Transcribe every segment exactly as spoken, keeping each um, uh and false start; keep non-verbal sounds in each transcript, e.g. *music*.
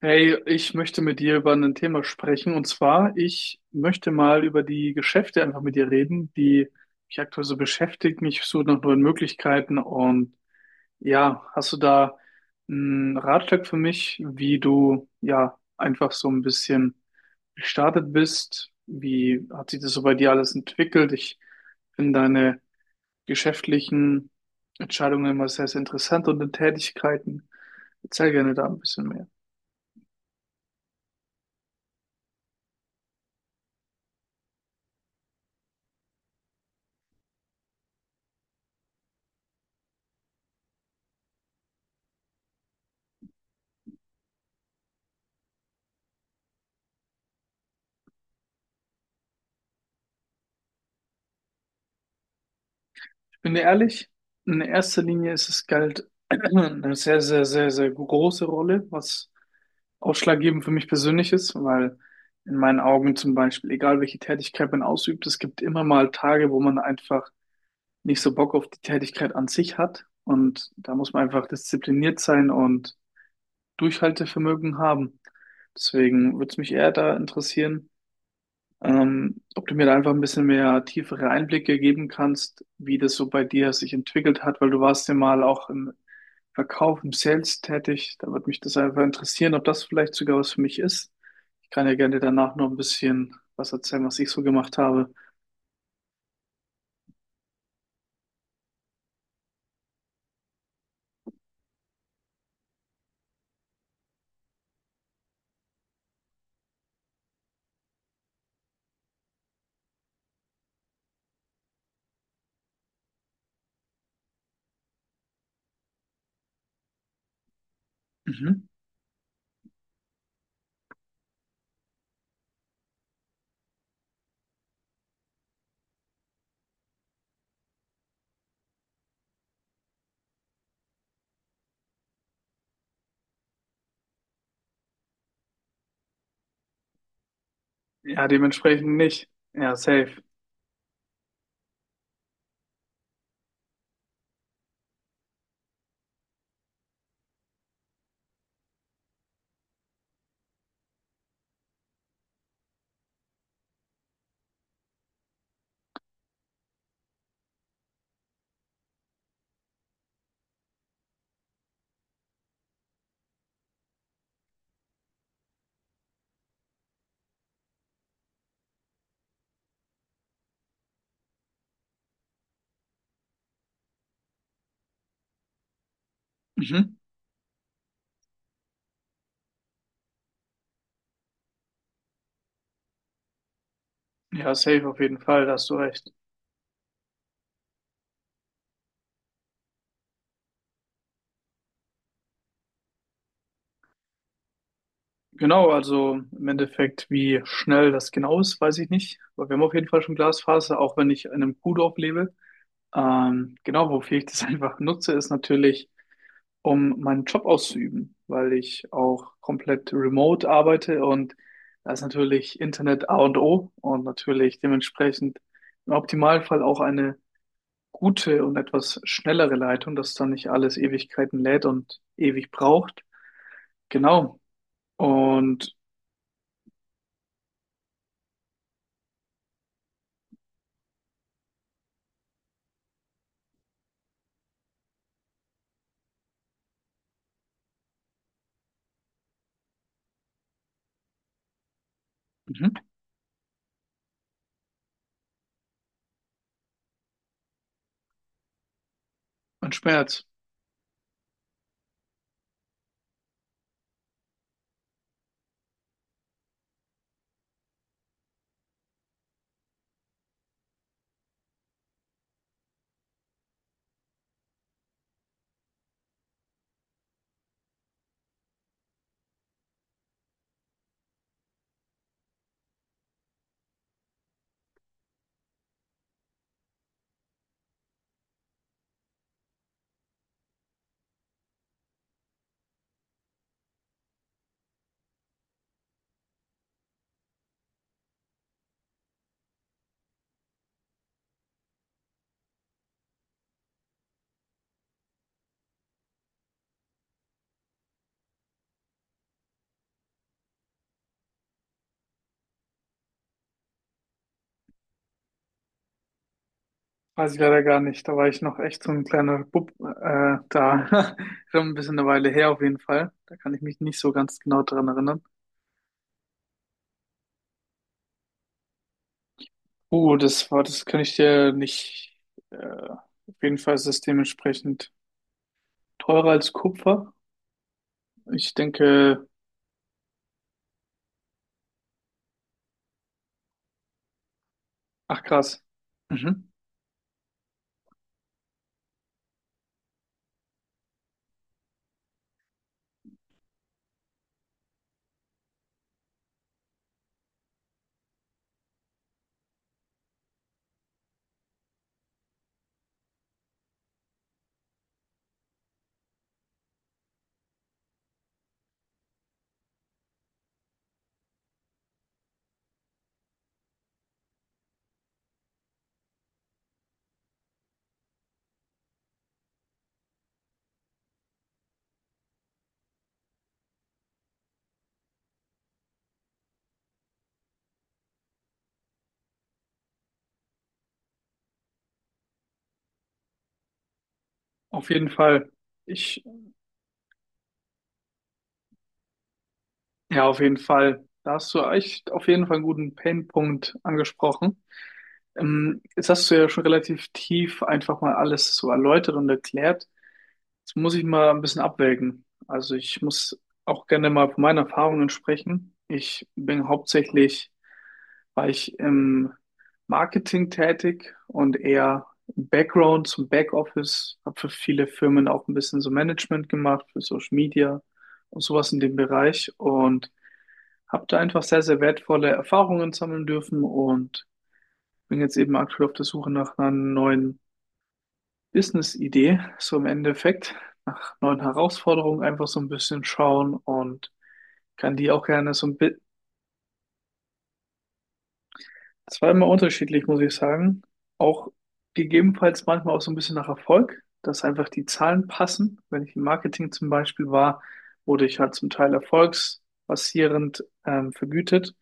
Hey, ich möchte mit dir über ein Thema sprechen. Und zwar, ich möchte mal über die Geschäfte einfach mit dir reden, die mich aktuell so beschäftigen. Ich suche nach neuen Möglichkeiten. Und ja, hast du da einen Ratschlag für mich, wie du ja einfach so ein bisschen gestartet bist? Wie hat sich das so bei dir alles entwickelt? Ich finde deine geschäftlichen Entscheidungen immer sehr, sehr interessant und deine Tätigkeiten. Erzähl gerne da ein bisschen mehr. Bin dir ehrlich, in erster Linie ist es Geld *clears throat* eine sehr, sehr, sehr, sehr große Rolle, was ausschlaggebend für mich persönlich ist, weil in meinen Augen zum Beispiel, egal welche Tätigkeit man ausübt, es gibt immer mal Tage, wo man einfach nicht so Bock auf die Tätigkeit an sich hat. Und da muss man einfach diszipliniert sein und Durchhaltevermögen haben. Deswegen würde es mich eher da interessieren, ähm, ob du mir da einfach ein bisschen mehr tiefere Einblicke geben kannst, wie das so bei dir sich entwickelt hat, weil du warst ja mal auch im Verkauf, im Sales tätig. Da würde mich das einfach interessieren, ob das vielleicht sogar was für mich ist. Ich kann ja gerne danach noch ein bisschen was erzählen, was ich so gemacht habe. Mhm. Ja, dementsprechend nicht. Ja, safe. Mhm. Ja, safe auf jeden Fall, da hast du recht. Genau, also im Endeffekt, wie schnell das genau ist, weiß ich nicht. Aber wir haben auf jeden Fall schon Glasfaser, auch wenn ich in einem Kuhdorf lebe. Ähm, genau, wofür ich das *laughs* einfach nutze, ist natürlich, um meinen Job auszuüben, weil ich auch komplett remote arbeite und da ist natürlich Internet A und O und natürlich dementsprechend im Optimalfall auch eine gute und etwas schnellere Leitung, dass dann nicht alles Ewigkeiten lädt und ewig braucht. Genau. Und mhm. Und Schmerz. Weiß ich leider gar nicht. Da war ich noch echt so ein kleiner Bub äh, da. *laughs* Schon ein bisschen eine Weile her auf jeden Fall. Da kann ich mich nicht so ganz genau dran erinnern. Uh, das war, das kann ich dir nicht. Äh, auf jeden Fall ist es dementsprechend teurer als Kupfer. Ich denke, ach krass. Mhm. Auf jeden Fall. Ich, ja, auf jeden Fall. Da hast du echt auf jeden Fall einen guten Painpunkt angesprochen. Ähm, jetzt hast du ja schon relativ tief einfach mal alles so erläutert und erklärt. Das muss ich mal ein bisschen abwägen. Also ich muss auch gerne mal von meinen Erfahrungen sprechen. Ich bin hauptsächlich, war ich im Marketing tätig und eher im Background zum Backoffice, habe für viele Firmen auch ein bisschen so Management gemacht, für Social Media und sowas in dem Bereich und habe da einfach sehr, sehr wertvolle Erfahrungen sammeln dürfen und bin jetzt eben aktuell auf der Suche nach einer neuen Business-Idee, so im Endeffekt, nach neuen Herausforderungen einfach so ein bisschen schauen und kann die auch gerne so ein bisschen, zweimal unterschiedlich, muss ich sagen, auch gegebenenfalls manchmal auch so ein bisschen nach Erfolg, dass einfach die Zahlen passen. Wenn ich im Marketing zum Beispiel war, wurde ich halt zum Teil erfolgsbasierend ähm, vergütet.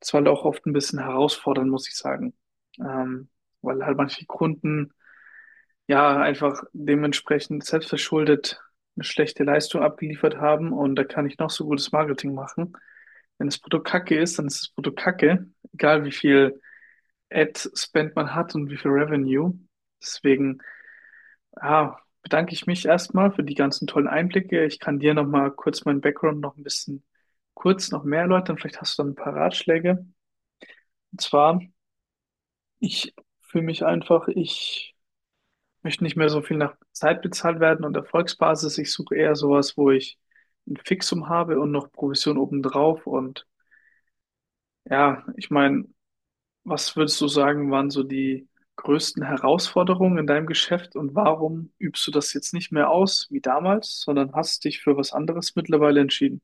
Das war halt auch oft ein bisschen herausfordernd, muss ich sagen, ähm, weil halt manche Kunden ja, einfach dementsprechend selbstverschuldet eine schlechte Leistung abgeliefert haben und da kann ich noch so gutes Marketing machen. Wenn das Produkt kacke ist, dann ist das Produkt kacke, egal wie viel Ad-Spend man hat und wie viel Revenue. Deswegen, ja, bedanke ich mich erstmal für die ganzen tollen Einblicke. Ich kann dir nochmal kurz meinen Background noch ein bisschen kurz noch mehr erläutern. Vielleicht hast du dann ein paar Ratschläge. Und zwar, ich fühle mich einfach, ich möchte nicht mehr so viel nach Zeit bezahlt werden und Erfolgsbasis. Ich suche eher sowas, wo ich ein Fixum habe und noch Provision obendrauf. Und ja, ich meine, was würdest du sagen, waren so die größten Herausforderungen in deinem Geschäft und warum übst du das jetzt nicht mehr aus wie damals, sondern hast dich für was anderes mittlerweile entschieden?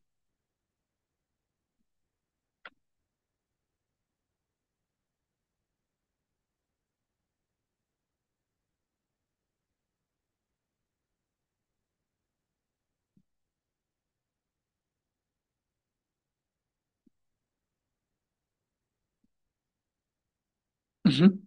Mhm.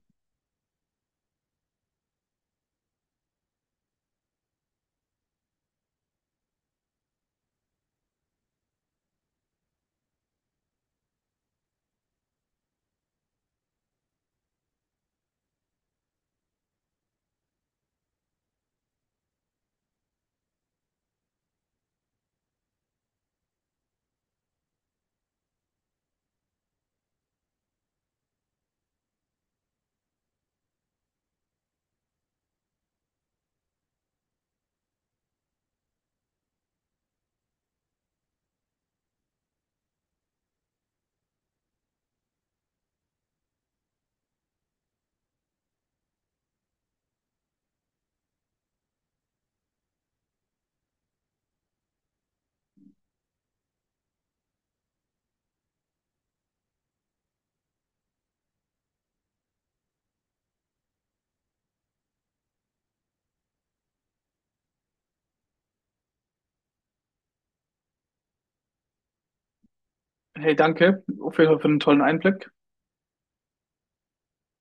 Hey, danke auf jeden Fall für den tollen Einblick.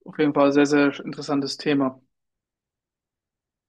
Auf jeden Fall sehr, sehr interessantes Thema.